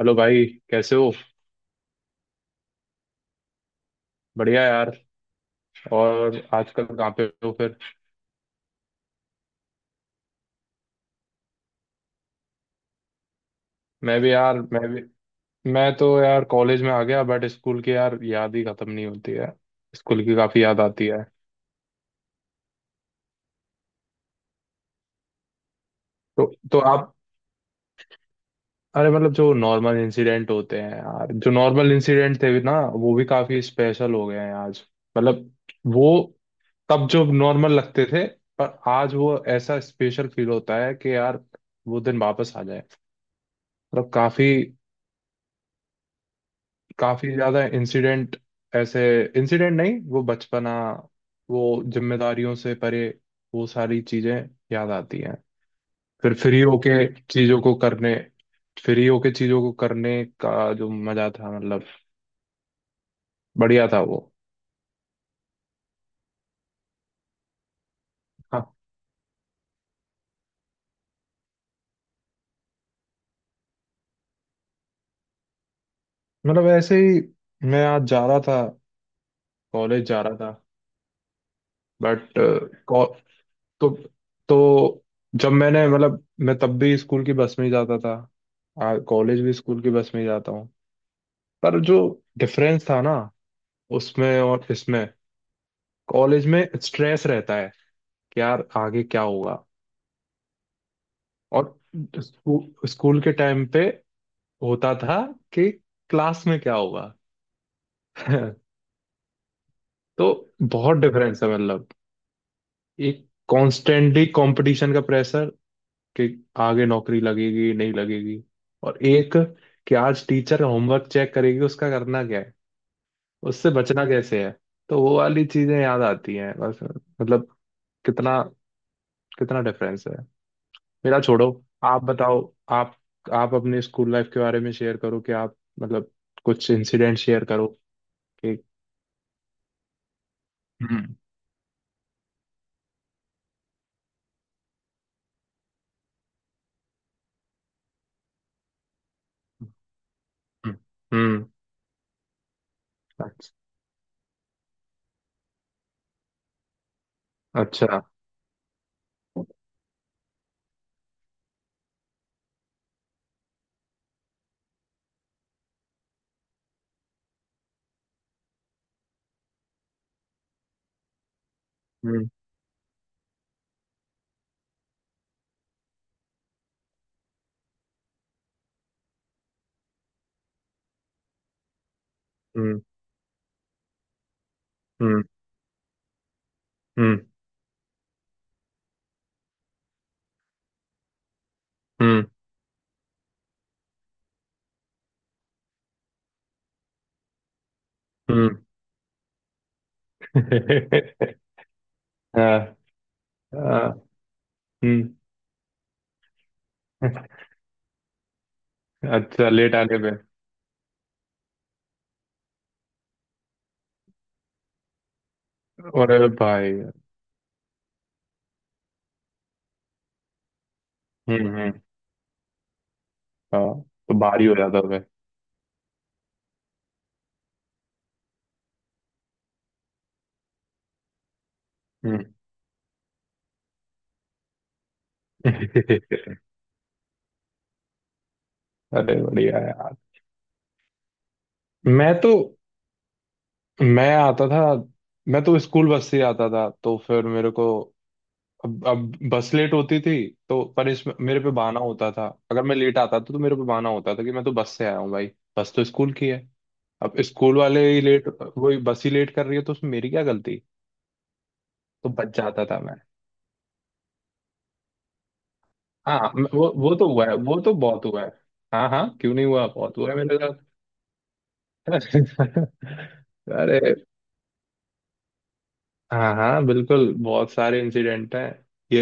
Hello भाई। कैसे हो? बढ़िया यार। और आजकल कहाँ पे हो फिर? मैं भी यार, मैं भी। मैं तो यार कॉलेज में आ गया, बट स्कूल की यार याद ही खत्म नहीं होती है। स्कूल की काफी याद आती है। तो तो आप, अरे मतलब जो नॉर्मल इंसिडेंट होते हैं यार, जो नॉर्मल इंसिडेंट थे भी ना, वो भी काफी स्पेशल हो गए हैं आज। मतलब वो तब जो नॉर्मल लगते थे, पर आज वो ऐसा स्पेशल फील होता है कि यार वो दिन वापस आ जाए। मतलब काफी, काफी ज्यादा इंसिडेंट, ऐसे इंसिडेंट नहीं, वो बचपना, वो जिम्मेदारियों से परे, वो सारी चीजें याद आती हैं। फिर फ्री होके चीजों को करने फ्री होके चीजों को करने का जो मजा था, मतलब बढ़िया था वो। हाँ, मतलब ऐसे ही। मैं आज जा रहा था, कॉलेज जा रहा था, बट तो तो जब मैंने, मतलब, मैं तब भी स्कूल की बस में ही जाता था, कॉलेज भी स्कूल की बस में ही जाता हूँ। पर जो डिफरेंस था ना, उसमें और इसमें, कॉलेज में स्ट्रेस रहता है कि यार आगे क्या होगा। और स्कूल के टाइम पे होता था कि क्लास में क्या होगा। तो बहुत डिफरेंस है मतलब। एक कॉन्स्टेंटली कंपटीशन का प्रेशर, कि आगे नौकरी लगेगी, नहीं लगेगी। और एक कि आज टीचर होमवर्क चेक करेगी, उसका करना क्या है, उससे बचना कैसे है। तो वो वाली चीजें याद आती हैं बस, मतलब कितना, कितना डिफरेंस है। मेरा छोड़ो, आप बताओ। आप आप अपने स्कूल लाइफ के बारे में शेयर करो कि आप, मतलब, कुछ इंसिडेंट शेयर करो कि हम्म, हम्म, हम्म। अच्छा, अच्छा। हम्म, हम्म, हम्म, हम्म, हम्म, हम्म। हाँ, हाँ, हम्म। अच्छा, लेट आने पे? अरे भाई। हम्म, हम्म। हाँ। तो भारी हो जाता है। हम्म। अरे बढ़िया यार। मैं तो, मैं आता था मैं तो स्कूल बस से आता था। तो फिर मेरे को अब बस लेट होती थी। तो पर इसमें मेरे पे बहाना होता था, अगर मैं लेट आता था तो मेरे पे बहाना होता था कि मैं तो बस से आया हूँ भाई। बस तो स्कूल की है। अब स्कूल वाले ही लेट, वही बस ही लेट कर रही है, तो उसमें मेरी क्या गलती। तो बच जाता था मैं। हाँ, वो तो हुआ है, वो तो बहुत हुआ है। हाँ, हाँ, क्यों नहीं हुआ? बहुत हुआ है मेरे साथ। अरे। हाँ, हाँ, बिल्कुल, बहुत सारे इंसिडेंट हैं। ये,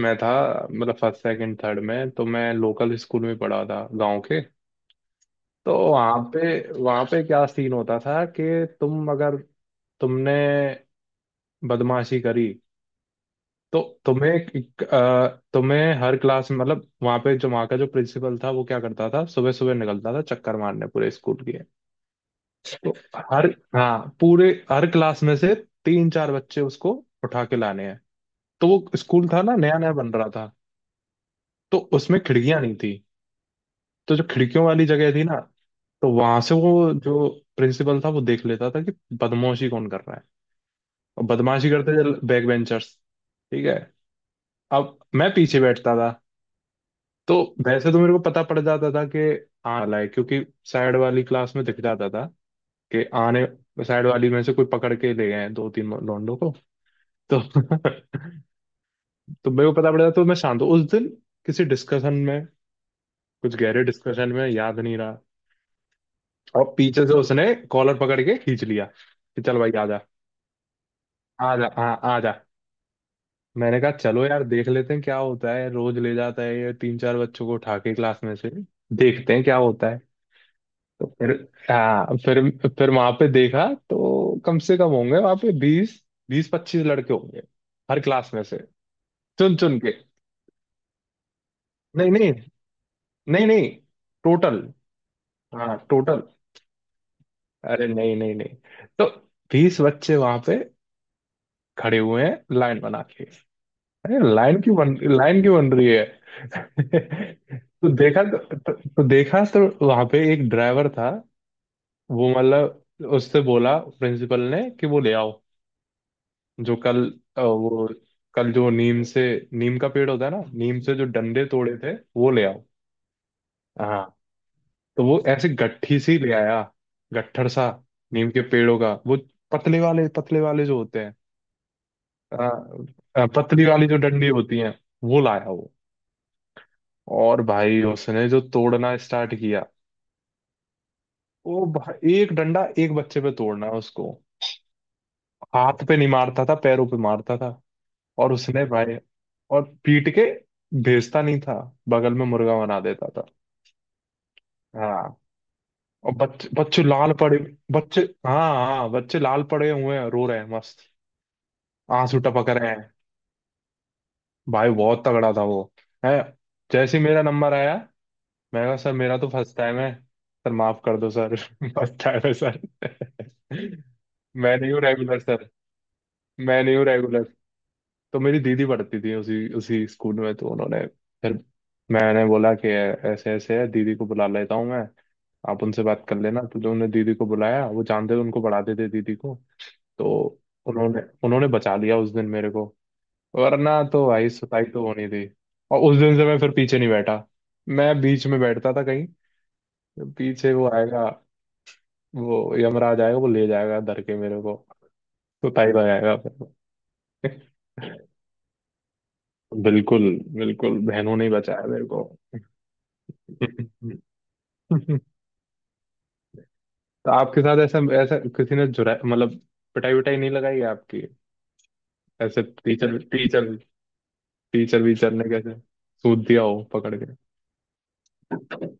मैं था, मतलब फर्स्ट, सेकंड, थर्ड में तो मैं लोकल स्कूल में पढ़ा था, गांव के। तो वहाँ पे क्या सीन होता था कि तुम अगर तुमने बदमाशी करी, तो तुम्हें हर क्लास में, मतलब वहाँ पे जो, वहाँ का जो प्रिंसिपल था, वो क्या करता था, सुबह सुबह निकलता था चक्कर मारने पूरे स्कूल के। तो हर, हाँ, पूरे हर क्लास में से तीन चार बच्चे उसको उठा के लाने हैं। तो वो स्कूल था ना, नया नया बन रहा था, तो उसमें खिड़कियां नहीं थी। तो जो खिड़कियों वाली जगह थी ना, तो वहां से वो जो प्रिंसिपल था, वो देख लेता था कि बदमाशी कौन कर रहा है। और बदमाशी करते थे बैक बेंचर्स। ठीक है। अब मैं पीछे बैठता था। तो वैसे तो मेरे को पता पड़ जाता था कि आने वाला है, क्योंकि साइड वाली क्लास में दिख जाता था कि आने साइड वाली में से कोई पकड़ के ले गए हैं दो तीन लोंडो को। तो तो मेरे को पता पड़ जाता, तो मैं शांत हूँ उस दिन, किसी डिस्कशन में कुछ गहरे डिस्कशन में, याद नहीं रहा। और पीछे से उसने कॉलर पकड़ के खींच लिया कि चल भाई, आजा। आजा, हाँ, आजा। मैंने कहा चलो यार देख लेते हैं क्या होता है, रोज ले जाता है ये तीन चार बच्चों को उठा के क्लास में से। देखते हैं क्या होता है। तो फिर, हाँ, फिर वहां पे देखा, तो कम से कम होंगे वहां पे 20, 20 25 लड़के होंगे, हर क्लास में से चुन चुन के। नहीं, नहीं, नहीं, नहीं। टोटल, हाँ, टोटल। अरे, नहीं, नहीं, नहीं। तो 20 बच्चे वहां पे खड़े हुए हैं लाइन बना के। अरे लाइन क्यों बन रही है? तो देखा तो देखा तो वहां पे एक ड्राइवर था। वो, मतलब, उससे बोला प्रिंसिपल ने कि वो ले आओ, जो कल वो कल जो नीम से, नीम का पेड़ होता है ना, नीम से जो डंडे तोड़े थे, वो ले आओ। हाँ, तो वो ऐसे गट्ठी सी ले आया, गट्ठर सा, नीम के पेड़ों का वो, पतले वाले जो होते हैं। अ, पतली वाली जो डंडी होती है, वो लाया वो। और भाई उसने जो तोड़ना स्टार्ट किया, वो भाई एक डंडा एक बच्चे पे तोड़ना उसको, हाथ पे नहीं मारता था, पैरों पे मारता था। और उसने भाई, और पीट के भेजता नहीं था, बगल में मुर्गा बना देता था। हाँ, और बच्चे बच्चे लाल पड़े, बच्चे, हाँ, हाँ, बच्चे लाल पड़े हुए हैं, रो रहे हैं मस्त। आंसू टपक रहे हैं, भाई बहुत तगड़ा था वो। है। जैसे ही मेरा नंबर आया, मैं कहा, सर मेरा तो फर्स्ट टाइम है, सर माफ कर दो सर। फर्स्ट टाइम है सर। मैं नहीं हूँ रेगुलर सर। मैं नहीं हूँ रेगुलर। तो मेरी दीदी पढ़ती थी उसी उसी स्कूल में, तो उन्होंने, फिर मैंने बोला कि ऐसे ऐसे है, दीदी को बुला लेता हूँ मैं, आप उनसे बात कर लेना। तो जो उन्होंने दीदी को बुलाया, वो जानते थे उनको, पढ़ाते थे दीदी को। तो उन्होंने उन्होंने बचा लिया उस दिन मेरे को, वरना तो भाई सुताई तो होनी थी। और उस दिन से मैं फिर पीछे नहीं बैठा, मैं बीच में बैठता था कहीं। पीछे वो आएगा, वो यमराज आएगा, वो ले जाएगा धर के मेरे को, कुटाई लगाएगा फिर। बिल्कुल, बिल्कुल बहनों ने ही बचाया मेरे को। तो आपके साथ ऐसा ऐसा किसी ने जुरा, मतलब पिटाई विटाई नहीं लगाई है आपकी? ऐसे टीचर टीचर टीचर वीचर ने कैसे सूद दिया हो पकड़ के? हम्म,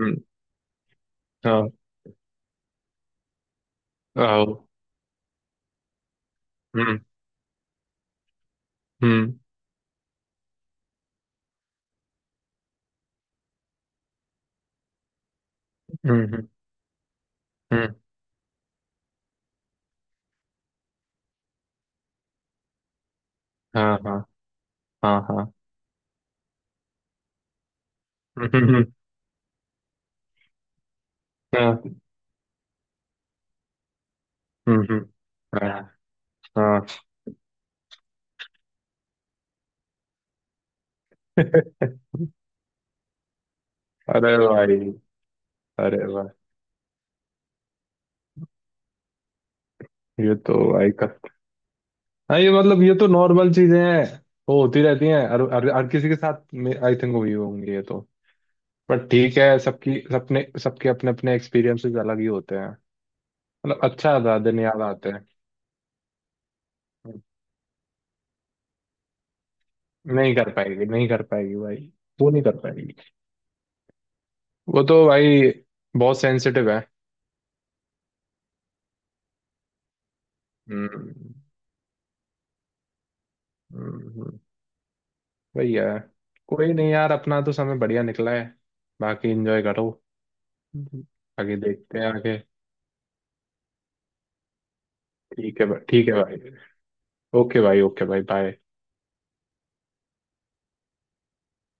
हम्म। हाँ। आओ। हम्म, हम्म, हम्म, हम्म। हाँ, हाँ, हाँ, हाँ। हम्म, हम्म। हाँ। हम्म, हम्म। हाँ, हाँ। अरे भाई, अरे भाई, ये तो भाई कस। हाँ, ये, मतलब, ये तो नॉर्मल चीजें हैं, वो होती रहती हैं हर हर, हर किसी के साथ, आई थिंक हुई होंगी ये तो। पर ठीक है, सबकी सबने सबके अपने अपने एक्सपीरियंसेस अलग ही होते हैं। मतलब अच्छा था, दिन याद आते हैं। नहीं कर पाएगी, नहीं कर पाएगी भाई। वो नहीं कर पाएगी। वो तो भाई बहुत सेंसिटिव है। हम्म, हम्म, हम्म। वही है। कोई नहीं यार, अपना तो समय बढ़िया निकला है। बाकी एंजॉय करो। हम्म। आगे देखते हैं आगे। ठीक है भाई, ठीक है भाई। ओके भाई, ओके भाई, बाय।